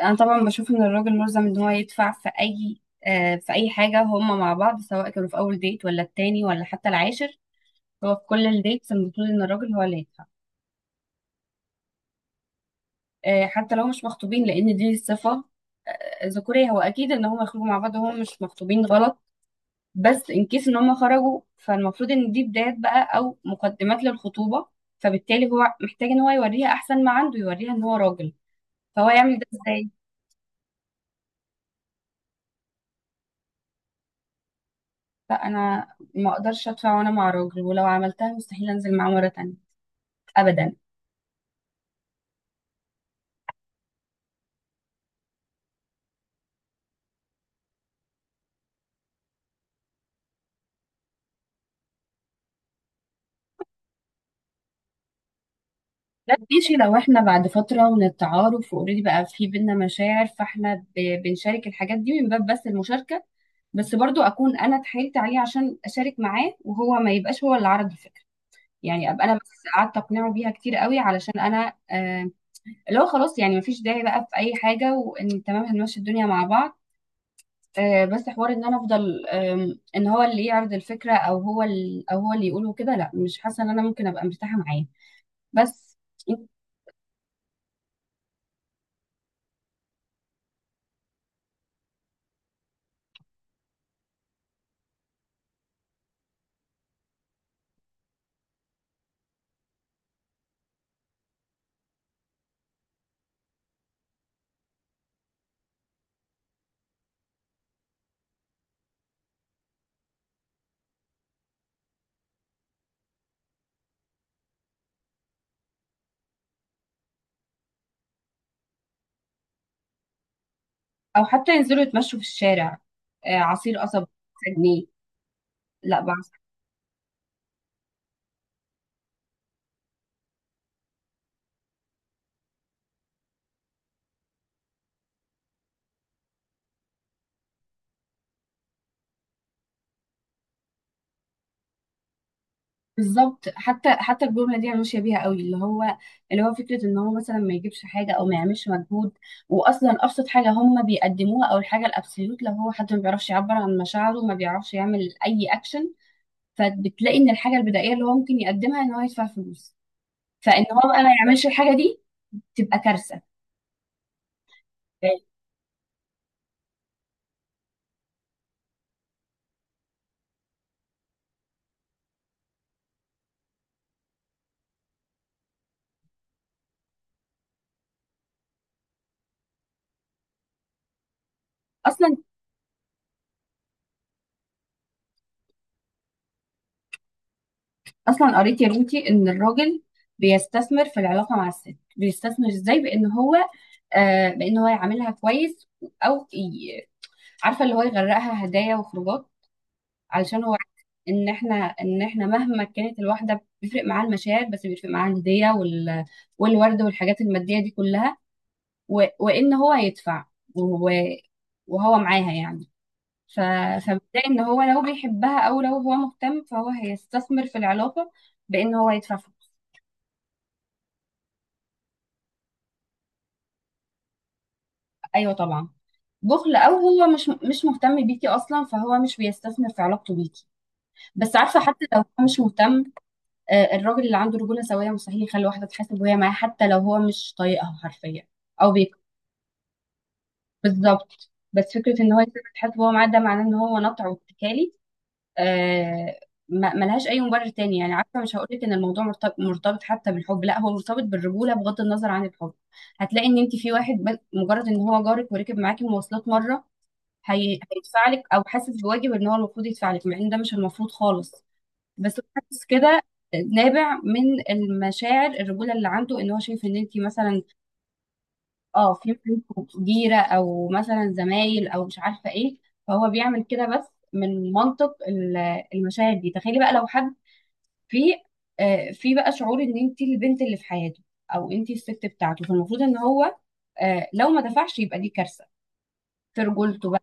انا طبعا بشوف ان الراجل ملزم ان هو يدفع في اي حاجه، هما مع بعض سواء كانوا في اول ديت ولا التاني ولا حتى العاشر. هو في كل الديتس المفروض ان الراجل هو اللي يدفع. حتى لو مش مخطوبين، لان دي صفه ذكوريه. هو اكيد ان هما يخرجوا مع بعض وهم مش مخطوبين غلط، بس ان كيس ان هما خرجوا فالمفروض ان دي بدايات بقى او مقدمات للخطوبه. فبالتالي هو محتاج ان هو يوريها احسن ما عنده، يوريها ان هو راجل. فهو يعمل ده ازاي؟ لا، انا ما اقدرش ادفع وانا مع راجل، ولو عملتها مستحيل انزل معاه مره تانية ابدا. لا ماشي، لو احنا بعد فتره من التعارف واوريدي بقى في بينا مشاعر فاحنا بنشارك الحاجات دي من باب بس المشاركه. بس برضو اكون انا اتحايلت عليه عشان اشارك معاه، وهو ما يبقاش هو اللي عرض الفكره. يعني ابقى انا بس قعدت اقنعه بيها كتير قوي علشان انا. اللي هو خلاص، يعني مفيش داعي بقى في اي حاجه، وان تمام هنمشي الدنيا مع بعض. بس حوار ان انا افضل ان هو اللي يعرض الفكره او هو اللي يقوله كده. لا، مش حاسه ان انا ممكن ابقى مرتاحه معاه. بس. او حتى ينزلوا يتمشوا في الشارع، عصير قصب جنيه. لا بعصر. بالظبط، حتى الجمله دي انا ماشيه بيها قوي، اللي هو فكره ان هو مثلا ما يجيبش حاجه او ما يعملش مجهود. واصلا ابسط حاجه هم بيقدموها او الحاجه الابسوليوت، لو هو حد ما بيعرفش يعبر عن مشاعره ما بيعرفش يعمل اي اكشن، فبتلاقي ان الحاجه البدائيه اللي هو ممكن يقدمها ان هو يدفع فلوس. فان هو بقى ما يعملش الحاجه دي تبقى كارثه يعني. اصلا اصلا قريت يا بنتي ان الراجل بيستثمر في العلاقه مع الست. بيستثمر ازاي؟ بان هو يعاملها كويس، او ي- عارفه اللي هو يغرقها هدايا وخروجات، علشان هو عارف ان احنا مهما كانت الواحده بيفرق معاها المشاعر، بس بيفرق معاها الهديه والورد والحاجات الماديه دي كلها، وان هو يدفع، و... وهو معاها يعني. ف... فبتلاقي ان هو لو بيحبها او لو هو مهتم فهو هيستثمر في العلاقه بان هو يدفع فلوس. ايوه طبعا. بخل، او هو مش مهتم بيكي اصلا فهو مش بيستثمر في علاقته بيكي. بس عارفه، حتى لو هو مش مهتم، الراجل اللي عنده رجوله سويه مستحيل يخلي واحده تحاسب وهي معاه، حتى لو هو مش طايقها حرفيا او بيك. بالظبط، بس فكره ان هو يسيبها تحاسب وهو معاه ده معناه ان هو نطع واتكالي. آه، ملهاش اي مبرر تاني، يعني عارفه مش هقولك ان الموضوع مرتبط حتى بالحب، لا هو مرتبط بالرجوله بغض النظر عن الحب. هتلاقي ان انت في واحد، مجرد ان هو جارك وركب معاكي مواصلات مره، هيدفع لك، او حاسس بواجب ان هو المفروض يدفع لك، مع ان ده مش المفروض خالص. بس هو حاسس كده، نابع من المشاعر الرجوله اللي عنده. ان هو شايف ان انت مثلا اه في منكم جيرة او مثلا زمايل او مش عارفة ايه، فهو بيعمل كده بس من منطق المشاعر دي. تخيلي بقى لو حد في في بقى شعور ان انت البنت اللي في حياته او انت الست بتاعته، فالمفروض ان هو، لو ما دفعش يبقى دي كارثة في رجولته بقى.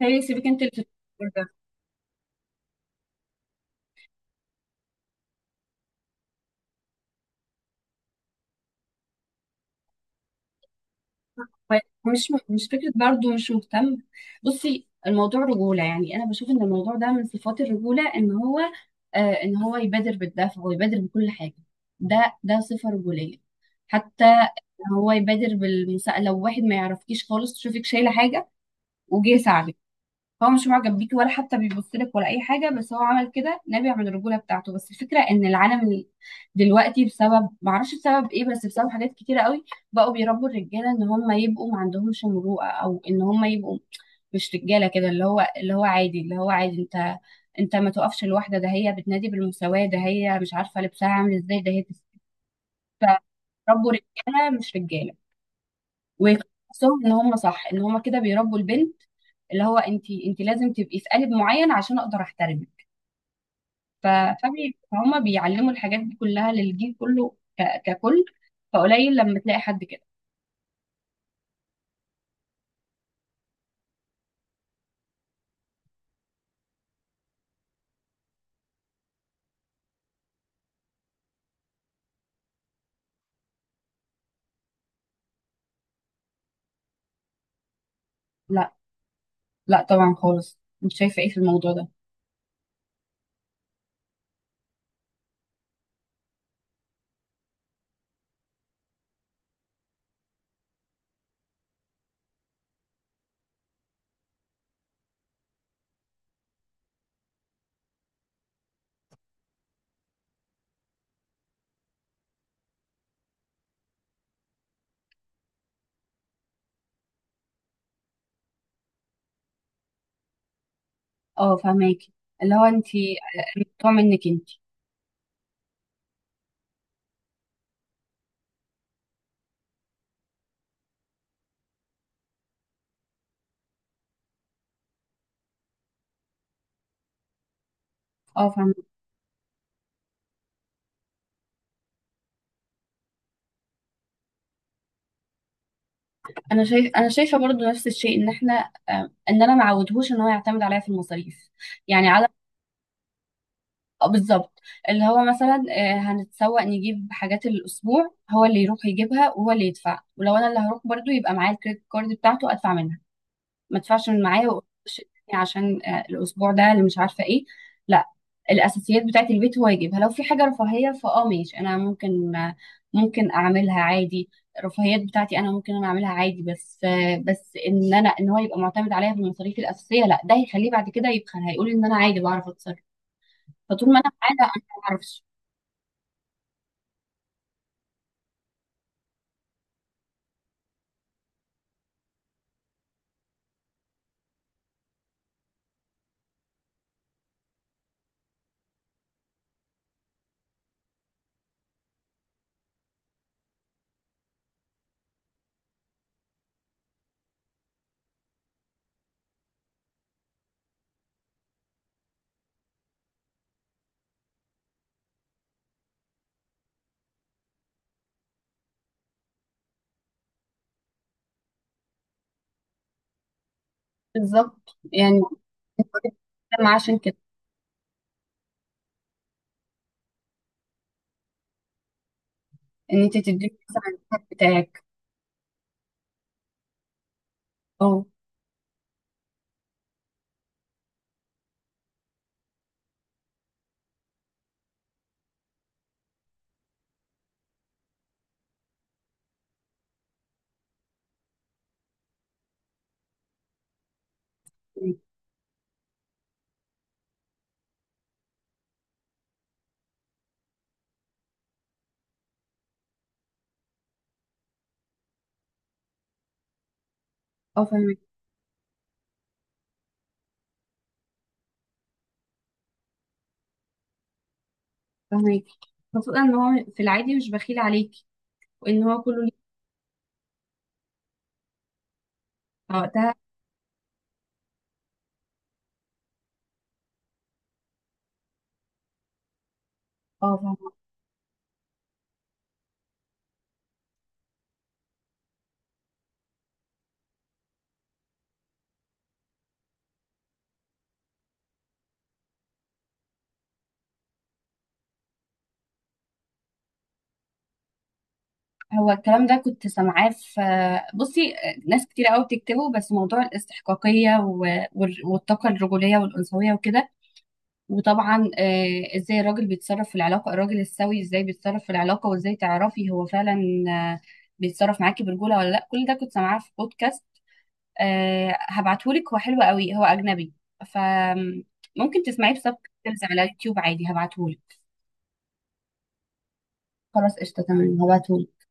تخيلي سيبك انت اللي في الرجولة. مش فكرة برضو مش مهتم. بصي، الموضوع رجولة يعني. أنا بشوف إن الموضوع ده من صفات الرجولة، إن هو يبادر بالدفع ويبادر بكل حاجة. ده صفة رجولية. حتى هو يبادر بالمساءلة، لو واحد ما يعرفكيش خالص تشوفك شايلة حاجة وجه يساعدك. هو مش معجب بيكي ولا حتى بيبص لك ولا اي حاجه، بس هو عمل كده نابع من الرجوله بتاعته. بس الفكره ان العالم دلوقتي بسبب معرفش بسبب ايه، بس بسبب حاجات كتيره قوي بقوا بيربوا الرجاله ان هم يبقوا ما عندهمش مروءه، او ان هم يبقوا مش رجاله. كده اللي هو، اللي هو عادي، اللي هو عادي انت ما تقفش لوحده، ده هي بتنادي بالمساواه، ده هي مش عارفه لبسها عامل ازاي، ده هي فربوا رجاله مش رجاله. وحسهم ان هم صح، ان هم كده بيربوا البنت اللي هو انت لازم تبقي في قالب معين عشان اقدر احترمك. ف- فهم بيعلموا الحاجات دي كلها للجيل كله ككل. فقليل لما تلاقي حد كده. لا لا طبعا خالص، مش شايفه ايه في الموضوع ده. اه فهماكي، اللي هو انت، الموضوع منك انت. اه فاهمة. انا شايفه برضو نفس الشيء، ان احنا آه، ان انا ما عودهوش ان هو يعتمد عليا في المصاريف. يعني على آه، بالظبط. اللي هو مثلا هنتسوق نجيب حاجات الاسبوع هو اللي يروح يجيبها وهو اللي يدفع، ولو انا اللي هروح برضو يبقى معايا الكريدت كارد بتاعته ادفع منها. ما ادفعش من معايا وأقول معلش اديني عشان الاسبوع ده اللي مش عارفه ايه. لا، الاساسيات بتاعه البيت هو يجيبها، لو في حاجه رفاهيه فاه ماشي انا ممكن اعملها عادي. الرفاهيات بتاعتي انا ممكن انا اعملها عادي، بس ان هو يبقى معتمد عليا في المصاريف الاساسيه لا، ده هيخليه بعد كده يبخل، هيقول ان انا عادي بعرف اتصرف. فطول ما انا معاه لا، انا ما اعرفش. بالظبط يعني، ما عشان كده، ان انت تديله مثلا الحق بتاعك. اه، اه، فاهمك، فاهمك. خصوصا ان هو في العادي مش بخيل عليكي وان هو كله ليه وقتها. اه فاهمة. هو الكلام ده كنت سامعاه في. بصي، ناس كتير قوي بتكتبه، بس موضوع الاستحقاقية والطاقة الرجولية والأنثوية وكده. وطبعا ازاي الراجل بيتصرف في العلاقة، الراجل السوي ازاي بيتصرف في العلاقة، وازاي تعرفي هو فعلا آه، بيتصرف معاكي برجولة ولا لا. كل ده كنت سامعاه في بودكاست. هبعتهولك، هو حلو قوي، هو أجنبي فممكن تسمعيه بسب تايتلز على يوتيوب عادي، هبعتهولك. خلاص قشطة تمام، هبعتهولك.